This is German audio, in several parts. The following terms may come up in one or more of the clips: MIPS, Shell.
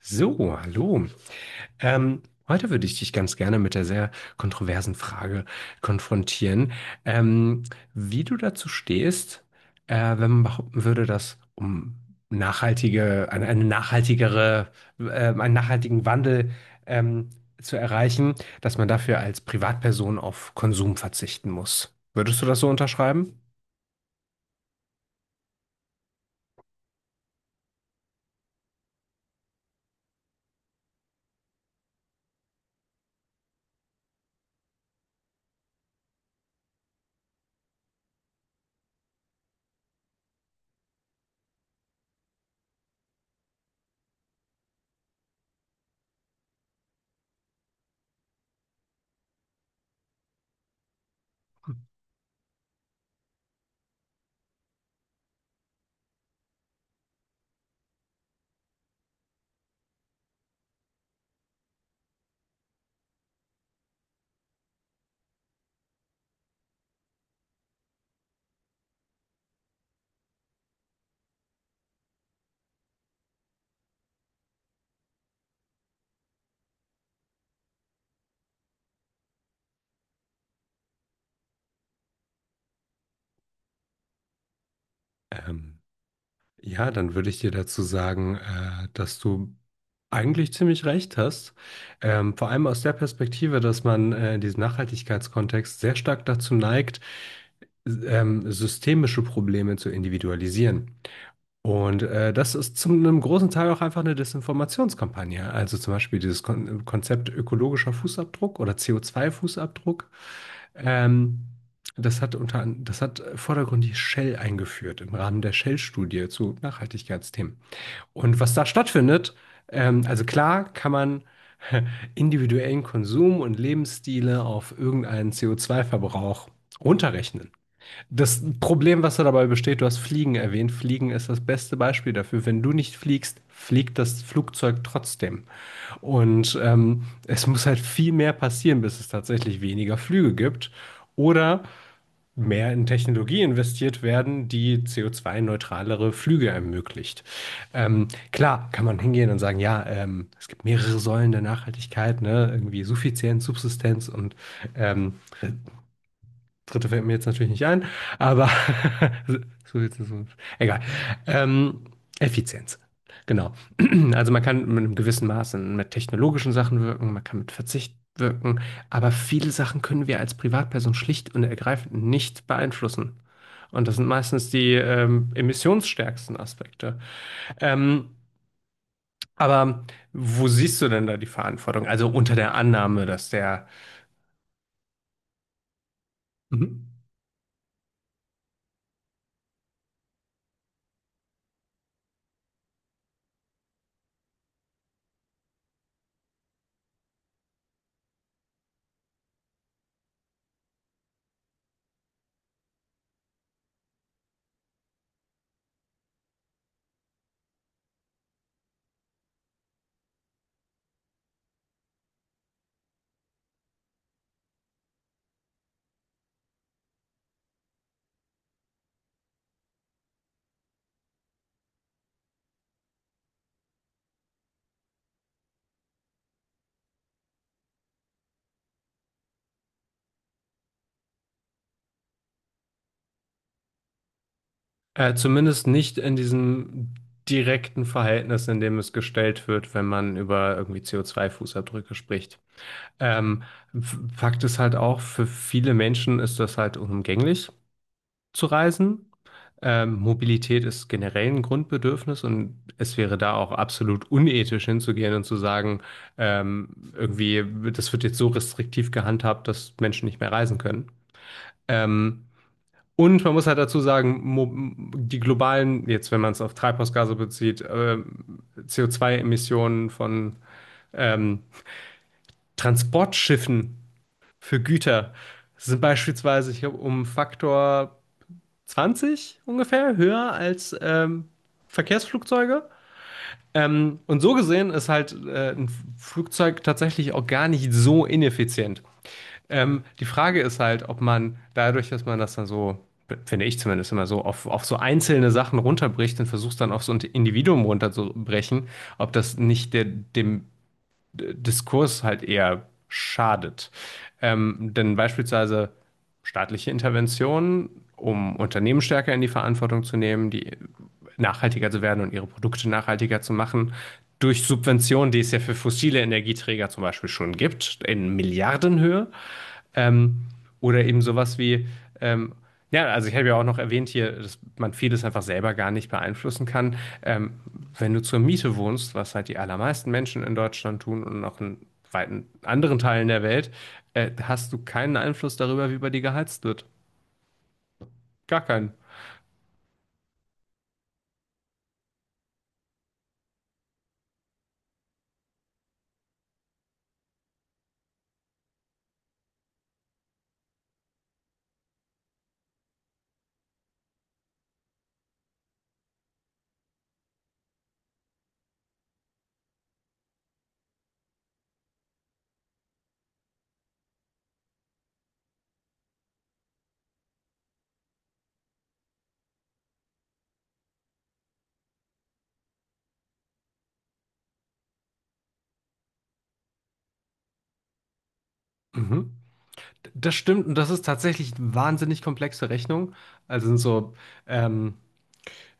So, hallo. Ähm, heute würde ich dich ganz gerne mit der sehr kontroversen Frage konfrontieren, ähm, wie du dazu stehst, wenn man behaupten würde, dass um nachhaltige, eine nachhaltigere, äh, einen nachhaltigen Wandel ähm, zu erreichen, dass man dafür als Privatperson auf Konsum verzichten muss. Würdest du das so unterschreiben? Ähm, Ja, dann würde ich dir dazu sagen, dass du eigentlich ziemlich recht hast. Vor allem aus der Perspektive, dass man in diesem Nachhaltigkeitskontext sehr stark dazu neigt, systemische Probleme zu individualisieren. Und das ist zu einem großen Teil auch einfach eine Desinformationskampagne. Also zum Beispiel dieses Konzept ökologischer Fußabdruck oder CO2-Fußabdruck. ähm, Das hat vordergründig Shell eingeführt im Rahmen der Shell-Studie zu Nachhaltigkeitsthemen. Und was da stattfindet, also klar kann man individuellen Konsum und Lebensstile auf irgendeinen CO2-Verbrauch runterrechnen. Das Problem, was da dabei besteht, du hast Fliegen erwähnt. Fliegen ist das beste Beispiel dafür. Wenn du nicht fliegst, fliegt das Flugzeug trotzdem. Und es muss halt viel mehr passieren, bis es tatsächlich weniger Flüge gibt. Oder mehr in Technologie investiert werden, die CO2-neutralere Flüge ermöglicht. Klar, kann man hingehen und sagen, ja, es gibt mehrere Säulen der Nachhaltigkeit, ne? Irgendwie Suffizienz, Subsistenz und ähm, dritte fällt mir jetzt natürlich nicht ein, aber so jetzt ist egal. Ähm, Effizienz. Genau. Also man kann mit einem gewissen Maße mit technologischen Sachen wirken, man kann mit Verzicht wirken, aber viele Sachen können wir als Privatperson schlicht und ergreifend nicht beeinflussen. Und das sind meistens die emissionsstärksten Aspekte. Ähm, aber wo siehst du denn da die Verantwortung? Also unter der Annahme, dass der... Mhm. Zumindest nicht in diesem direkten Verhältnis, in dem es gestellt wird, wenn man über irgendwie CO2-Fußabdrücke spricht. Ähm, Fakt ist halt auch, für viele Menschen ist das halt unumgänglich zu reisen. Mobilität ist generell ein Grundbedürfnis und es wäre da auch absolut unethisch hinzugehen und zu sagen, irgendwie, das wird jetzt so restriktiv gehandhabt, dass Menschen nicht mehr reisen können. Ähm, und man muss halt dazu sagen, die globalen, jetzt wenn man es auf Treibhausgase bezieht, CO2-Emissionen von ähm, Transportschiffen für Güter sind beispielsweise, ich glaube, um Faktor 20 ungefähr höher als Verkehrsflugzeuge. Und so gesehen ist halt ein Flugzeug tatsächlich auch gar nicht so ineffizient. Die Frage ist halt, ob man dadurch, dass man das dann so, finde ich zumindest immer so, auf so einzelne Sachen runterbricht und versucht dann auf so ein Individuum runterzubrechen, ob das nicht der, dem Diskurs halt eher schadet. Denn beispielsweise staatliche Interventionen, um Unternehmen stärker in die Verantwortung zu nehmen, die nachhaltiger zu werden und ihre Produkte nachhaltiger zu machen, durch Subventionen, die es ja für fossile Energieträger zum Beispiel schon gibt, in Milliardenhöhe. Ähm, oder eben sowas wie, ähm, ja, also ich habe ja auch noch erwähnt hier, dass man vieles einfach selber gar nicht beeinflussen kann. Ähm, Wenn du zur Miete wohnst, was halt die allermeisten Menschen in Deutschland tun und auch in weiten anderen Teilen der Welt, hast du keinen Einfluss darüber, wie bei dir geheizt wird. Gar keinen. Mhm. Das stimmt und das ist tatsächlich eine wahnsinnig komplexe Rechnung. Also sind so ähm,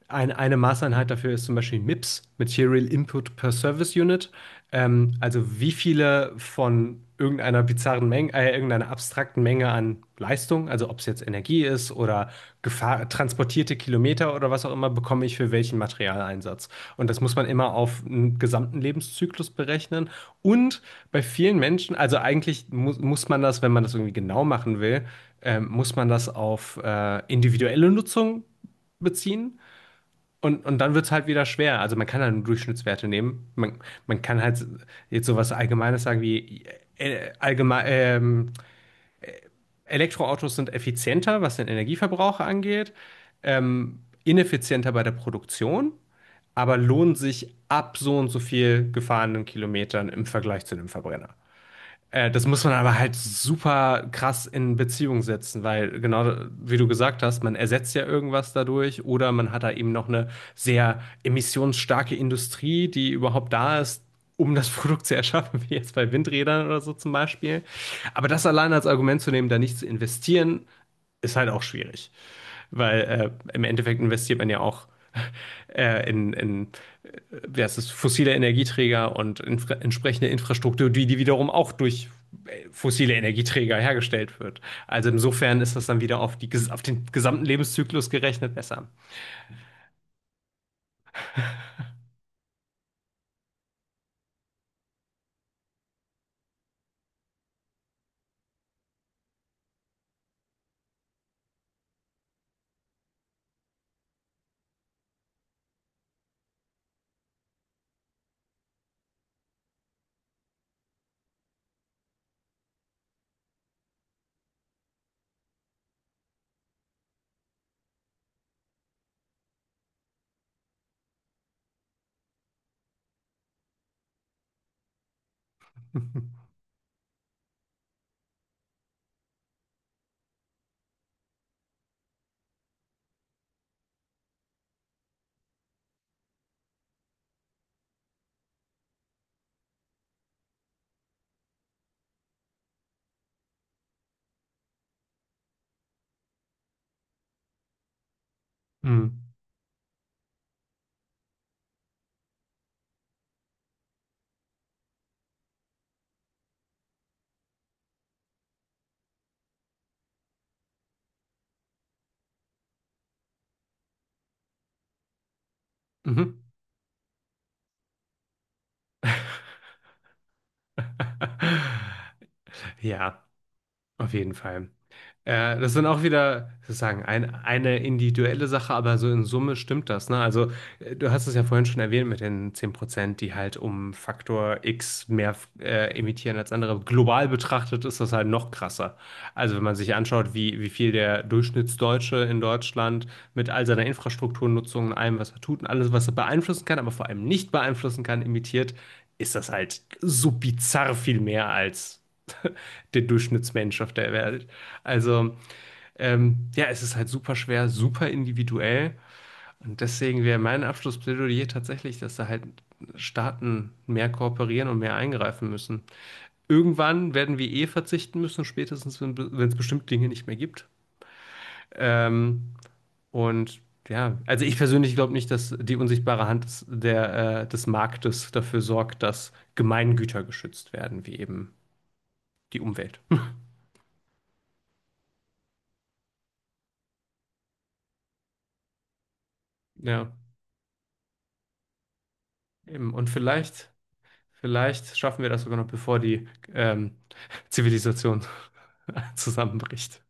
eine Maßeinheit dafür ist zum Beispiel MIPS, Material Input per Service Unit. Also wie viele von irgendeiner bizarren Menge, irgendeiner abstrakten Menge an Leistung, also ob es jetzt Energie ist oder Gefahr, transportierte Kilometer oder was auch immer, bekomme ich für welchen Materialeinsatz. Und das muss man immer auf einen gesamten Lebenszyklus berechnen. Und bei vielen Menschen, also eigentlich mu muss man das, wenn man das irgendwie genau machen will, muss man das auf individuelle Nutzung beziehen. Und dann wird es halt wieder schwer. Also man kann dann Durchschnittswerte nehmen. Man kann halt jetzt sowas Allgemeines sagen wie allgemein, Elektroautos sind effizienter, was den Energieverbrauch angeht, ähm, ineffizienter bei der Produktion, aber lohnen sich ab so und so viel gefahrenen Kilometern im Vergleich zu einem Verbrenner. Das muss man aber halt super krass in Beziehung setzen, weil genau wie du gesagt hast, man ersetzt ja irgendwas dadurch oder man hat da eben noch eine sehr emissionsstarke Industrie, die überhaupt da ist, um das Produkt zu erschaffen, wie jetzt bei Windrädern oder so zum Beispiel. Aber das allein als Argument zu nehmen, da nicht zu investieren, ist halt auch schwierig. Weil im Endeffekt investiert man ja auch in äh, wie heißt es, fossile Energieträger und infra entsprechende Infrastruktur, die, wiederum auch durch fossile Energieträger hergestellt wird. Also insofern ist das dann wieder auf, die, auf den gesamten Lebenszyklus gerechnet besser. Mhm. Mhm. Ja, auf jeden Fall. Ja, das sind auch wieder sozusagen eine individuelle Sache, aber so in Summe stimmt das, ne? Also, du hast es ja vorhin schon erwähnt mit den 10%, die halt um Faktor X mehr emittieren als andere. Global betrachtet ist das halt noch krasser. Also, wenn man sich anschaut, wie viel der Durchschnittsdeutsche in Deutschland mit all seiner Infrastrukturnutzung und allem, was er tut und alles, was er beeinflussen kann, aber vor allem nicht beeinflussen kann, emittiert, ist das halt so bizarr viel mehr als der Durchschnittsmensch auf der Welt. Also, ja, es ist halt super schwer, super individuell. Und deswegen wäre mein Abschlussplädoyer tatsächlich, dass da halt Staaten mehr kooperieren und mehr eingreifen müssen. Irgendwann werden wir eh verzichten müssen, spätestens wenn es bestimmte Dinge nicht mehr gibt. Ähm, und ja, also ich persönlich glaube nicht, dass die unsichtbare Hand des Marktes dafür sorgt, dass Gemeingüter geschützt werden, wie eben die Umwelt. Ja, eben. Und vielleicht. Vielleicht schaffen wir das sogar noch, bevor die ähm, Zivilisation zusammenbricht.